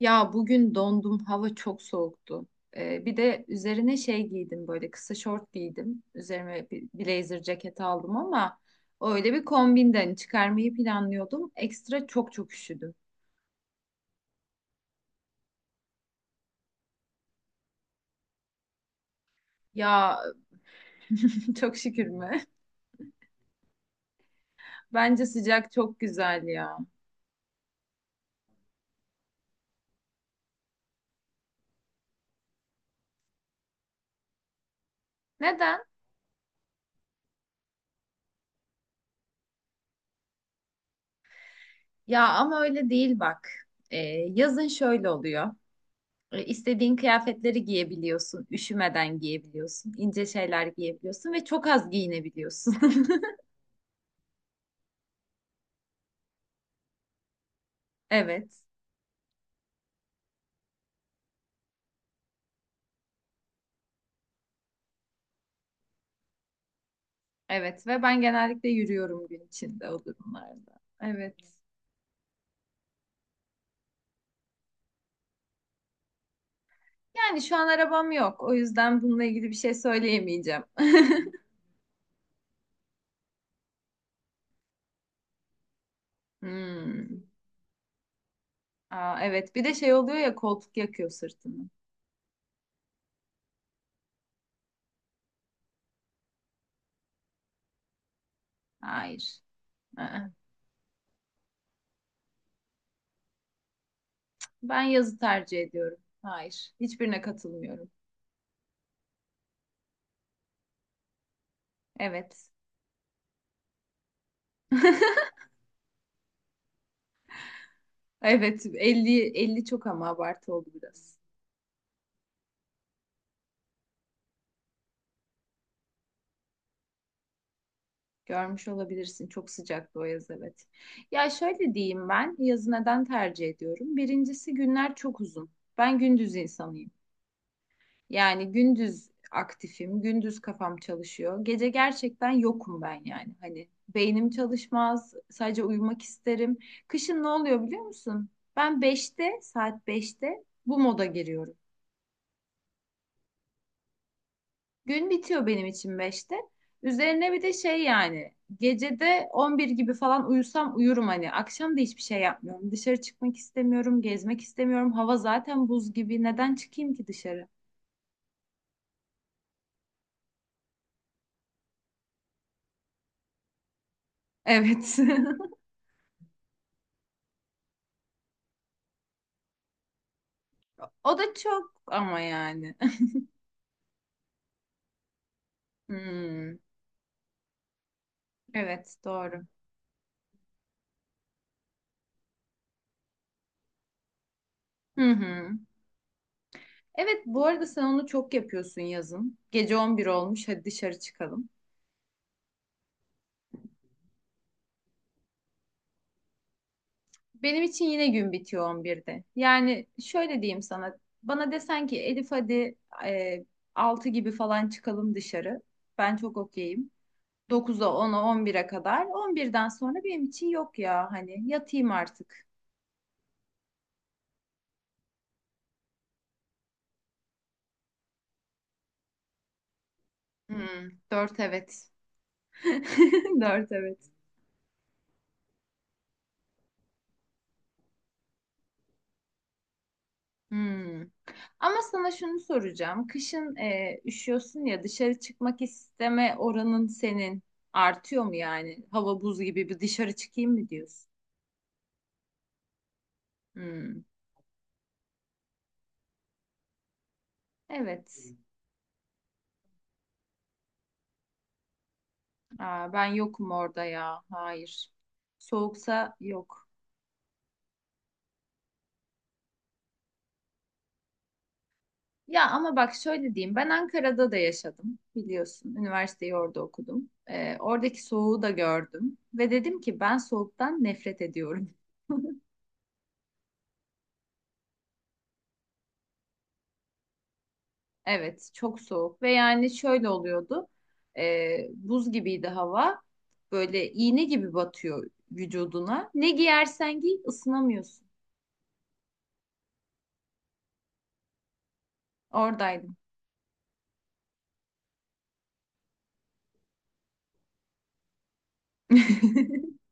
Ya bugün dondum, hava çok soğuktu. Bir de üzerine şey giydim böyle kısa şort giydim. Üzerime bir blazer ceket aldım ama öyle bir kombinden çıkarmayı planlıyordum. Ekstra çok çok üşüdüm. Ya çok şükür mü? Bence sıcak çok güzel ya. Neden? Ya ama öyle değil bak. Ee, yazın şöyle oluyor. İstediğin kıyafetleri giyebiliyorsun, üşümeden giyebiliyorsun, ince şeyler giyebiliyorsun ve çok az giyinebiliyorsun. Evet. Evet ve ben genellikle yürüyorum gün içinde o durumlarda. Evet. Yani şu an arabam yok. O yüzden bununla ilgili bir şey söyleyemeyeceğim. Hmm. Aa, evet. Bir de şey oluyor ya, koltuk yakıyor sırtını. Hayır. Aa, ben yazı tercih ediyorum. Hayır. Hiçbirine katılmıyorum. Evet. Evet. 50, 50 çok ama abartı oldu biraz. Görmüş olabilirsin. Çok sıcaktı o yaz, evet. Ya şöyle diyeyim, ben yazı neden tercih ediyorum? Birincisi günler çok uzun. Ben gündüz insanıyım. Yani gündüz aktifim, gündüz kafam çalışıyor. Gece gerçekten yokum ben yani. Hani beynim çalışmaz, sadece uyumak isterim. Kışın ne oluyor biliyor musun? Ben saat beşte bu moda giriyorum. Gün bitiyor benim için beşte. Üzerine bir de şey yani, gecede 11 gibi falan uyusam uyurum hani. Akşam da hiçbir şey yapmıyorum. Dışarı çıkmak istemiyorum, gezmek istemiyorum. Hava zaten buz gibi. Neden çıkayım ki dışarı? Evet. O da çok ama yani. Hmm, evet doğru. Hı hı. Evet, bu arada sen onu çok yapıyorsun yazın. Gece 11 olmuş, hadi dışarı çıkalım. Benim için yine gün bitiyor 11'de. Yani şöyle diyeyim sana. Bana desen ki Elif, hadi e, 6 gibi falan çıkalım dışarı. Ben çok okeyim. Dokuza, 10'a, 11'e kadar. 11'den sonra benim için yok ya, hani yatayım artık. Hmm, 4 evet. Dört evet. Hmm. Ama sana şunu soracağım. Kışın üşüyorsun ya, dışarı çıkmak isteme oranın senin artıyor mu yani? Hava buz gibi, bir dışarı çıkayım mı diyorsun? Hmm. Evet. Aa, ben yokum orada ya. Hayır. Soğuksa yok. Ya ama bak şöyle diyeyim. Ben Ankara'da da yaşadım biliyorsun. Üniversiteyi orada okudum. Oradaki soğuğu da gördüm. Ve dedim ki ben soğuktan nefret ediyorum. Evet, çok soğuk ve yani şöyle oluyordu. Buz gibiydi hava. Böyle iğne gibi batıyor vücuduna. Ne giyersen giy ısınamıyorsun. Oradaydım.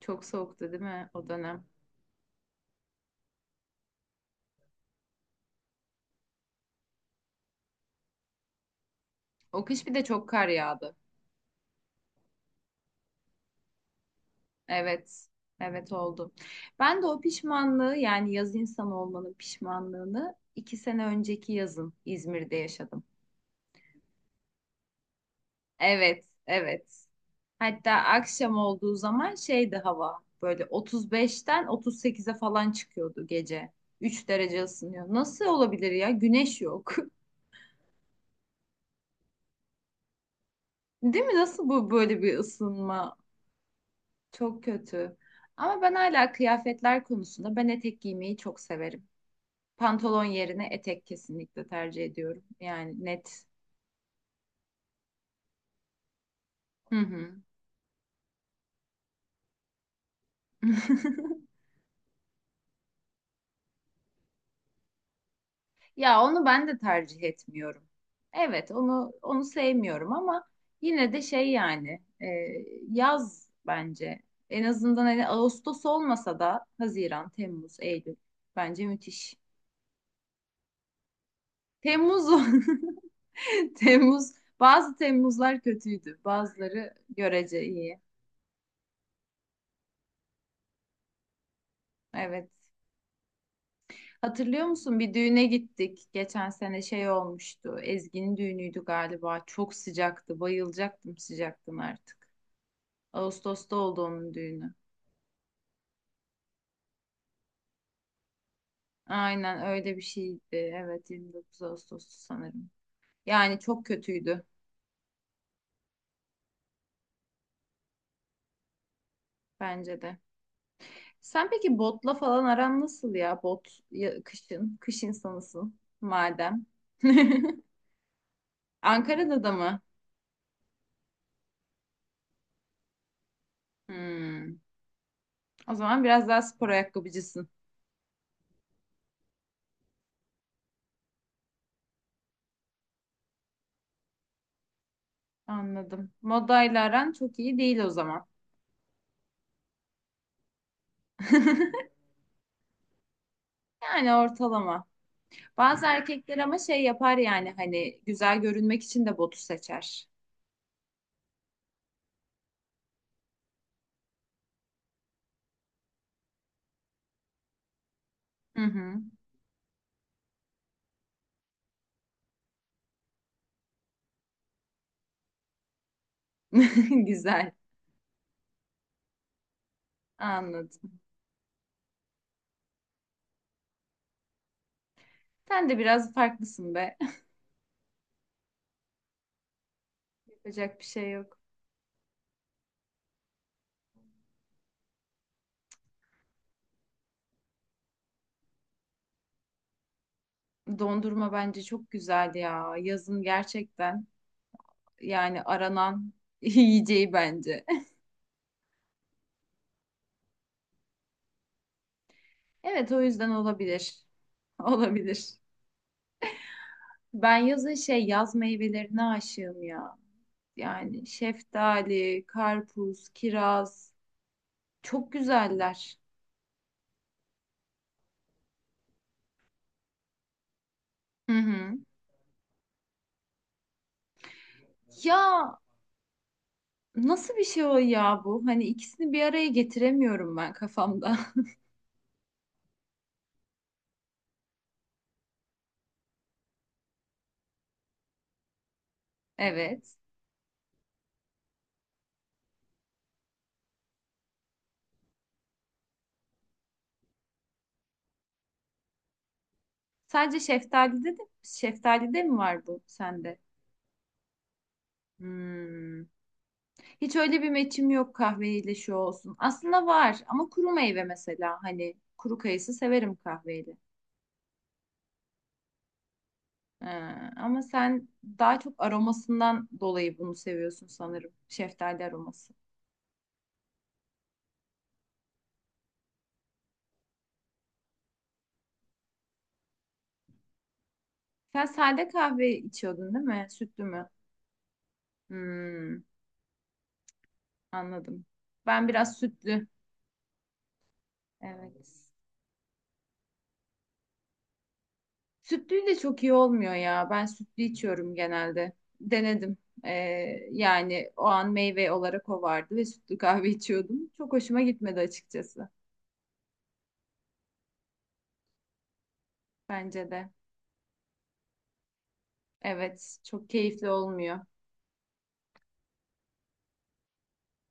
Çok soğuktu değil mi o dönem? O kış bir de çok kar yağdı. Evet. Evet oldu. Ben de o pişmanlığı, yani yaz insanı olmanın pişmanlığını 2 sene önceki yazın İzmir'de yaşadım. Evet. Evet. Hatta akşam olduğu zaman şeydi hava, böyle 35'ten 38'e falan çıkıyordu gece. 3 derece ısınıyor. Nasıl olabilir ya? Güneş yok. Değil mi? Nasıl bu, böyle bir ısınma? Çok kötü. Ama ben hala kıyafetler konusunda ben etek giymeyi çok severim. Pantolon yerine etek kesinlikle tercih ediyorum. Yani net. Hı hı. Ya onu ben de tercih etmiyorum. Evet, onu sevmiyorum ama yine de şey yani yaz bence. En azından hani Ağustos olmasa da Haziran, Temmuz, Eylül bence müthiş. Temmuz o. Temmuz, bazı Temmuzlar kötüydü. Bazıları görece iyi. Evet. Hatırlıyor musun? Bir düğüne gittik. Geçen sene şey olmuştu. Ezgi'nin düğünüydü galiba. Çok sıcaktı. Bayılacaktım sıcaktan artık. Ağustos'ta oldu onun düğünü. Aynen öyle bir şeydi. Evet, 29 Ağustos'tu sanırım. Yani çok kötüydü bence de. Sen peki botla falan aran nasıl ya? Bot kışın. Kış insanısın madem. Ankara'da da mı? Hmm. O zaman biraz daha spor ayakkabıcısın. Anladım. Modayla aran çok iyi değil o zaman. Yani ortalama. Bazı erkekler ama şey yapar yani hani güzel görünmek için de botu seçer. Hı hı. Güzel. Anladım. Sen de biraz farklısın be. Yapacak bir şey yok. Dondurma bence çok güzel ya. Yazın gerçekten yani aranan yiyeceği bence. Evet, o yüzden olabilir. Olabilir. Ben yazın şey yaz meyvelerine aşığım ya. Yani şeftali, karpuz, kiraz çok güzeller. Hı hı. Ya nasıl bir şey o ya bu? Hani ikisini bir araya getiremiyorum ben kafamda. Evet. Sadece şeftalide mi var bu sende? Hmm. Hiç öyle bir meçim yok, kahveyle şu olsun. Aslında var ama kuru meyve, mesela hani kuru kayısı severim kahveyle. Ee, ama sen daha çok aromasından dolayı bunu seviyorsun sanırım. Şeftali aroması. Sen sade kahve içiyordun değil mi? Sütlü mü? Hmm, anladım. Ben biraz sütlü. Evet. Sütlü de çok iyi olmuyor ya. Ben sütlü içiyorum genelde. Denedim. Ee, yani o an meyve olarak o vardı ve sütlü kahve içiyordum. Çok hoşuma gitmedi açıkçası. Bence de. Evet, çok keyifli olmuyor.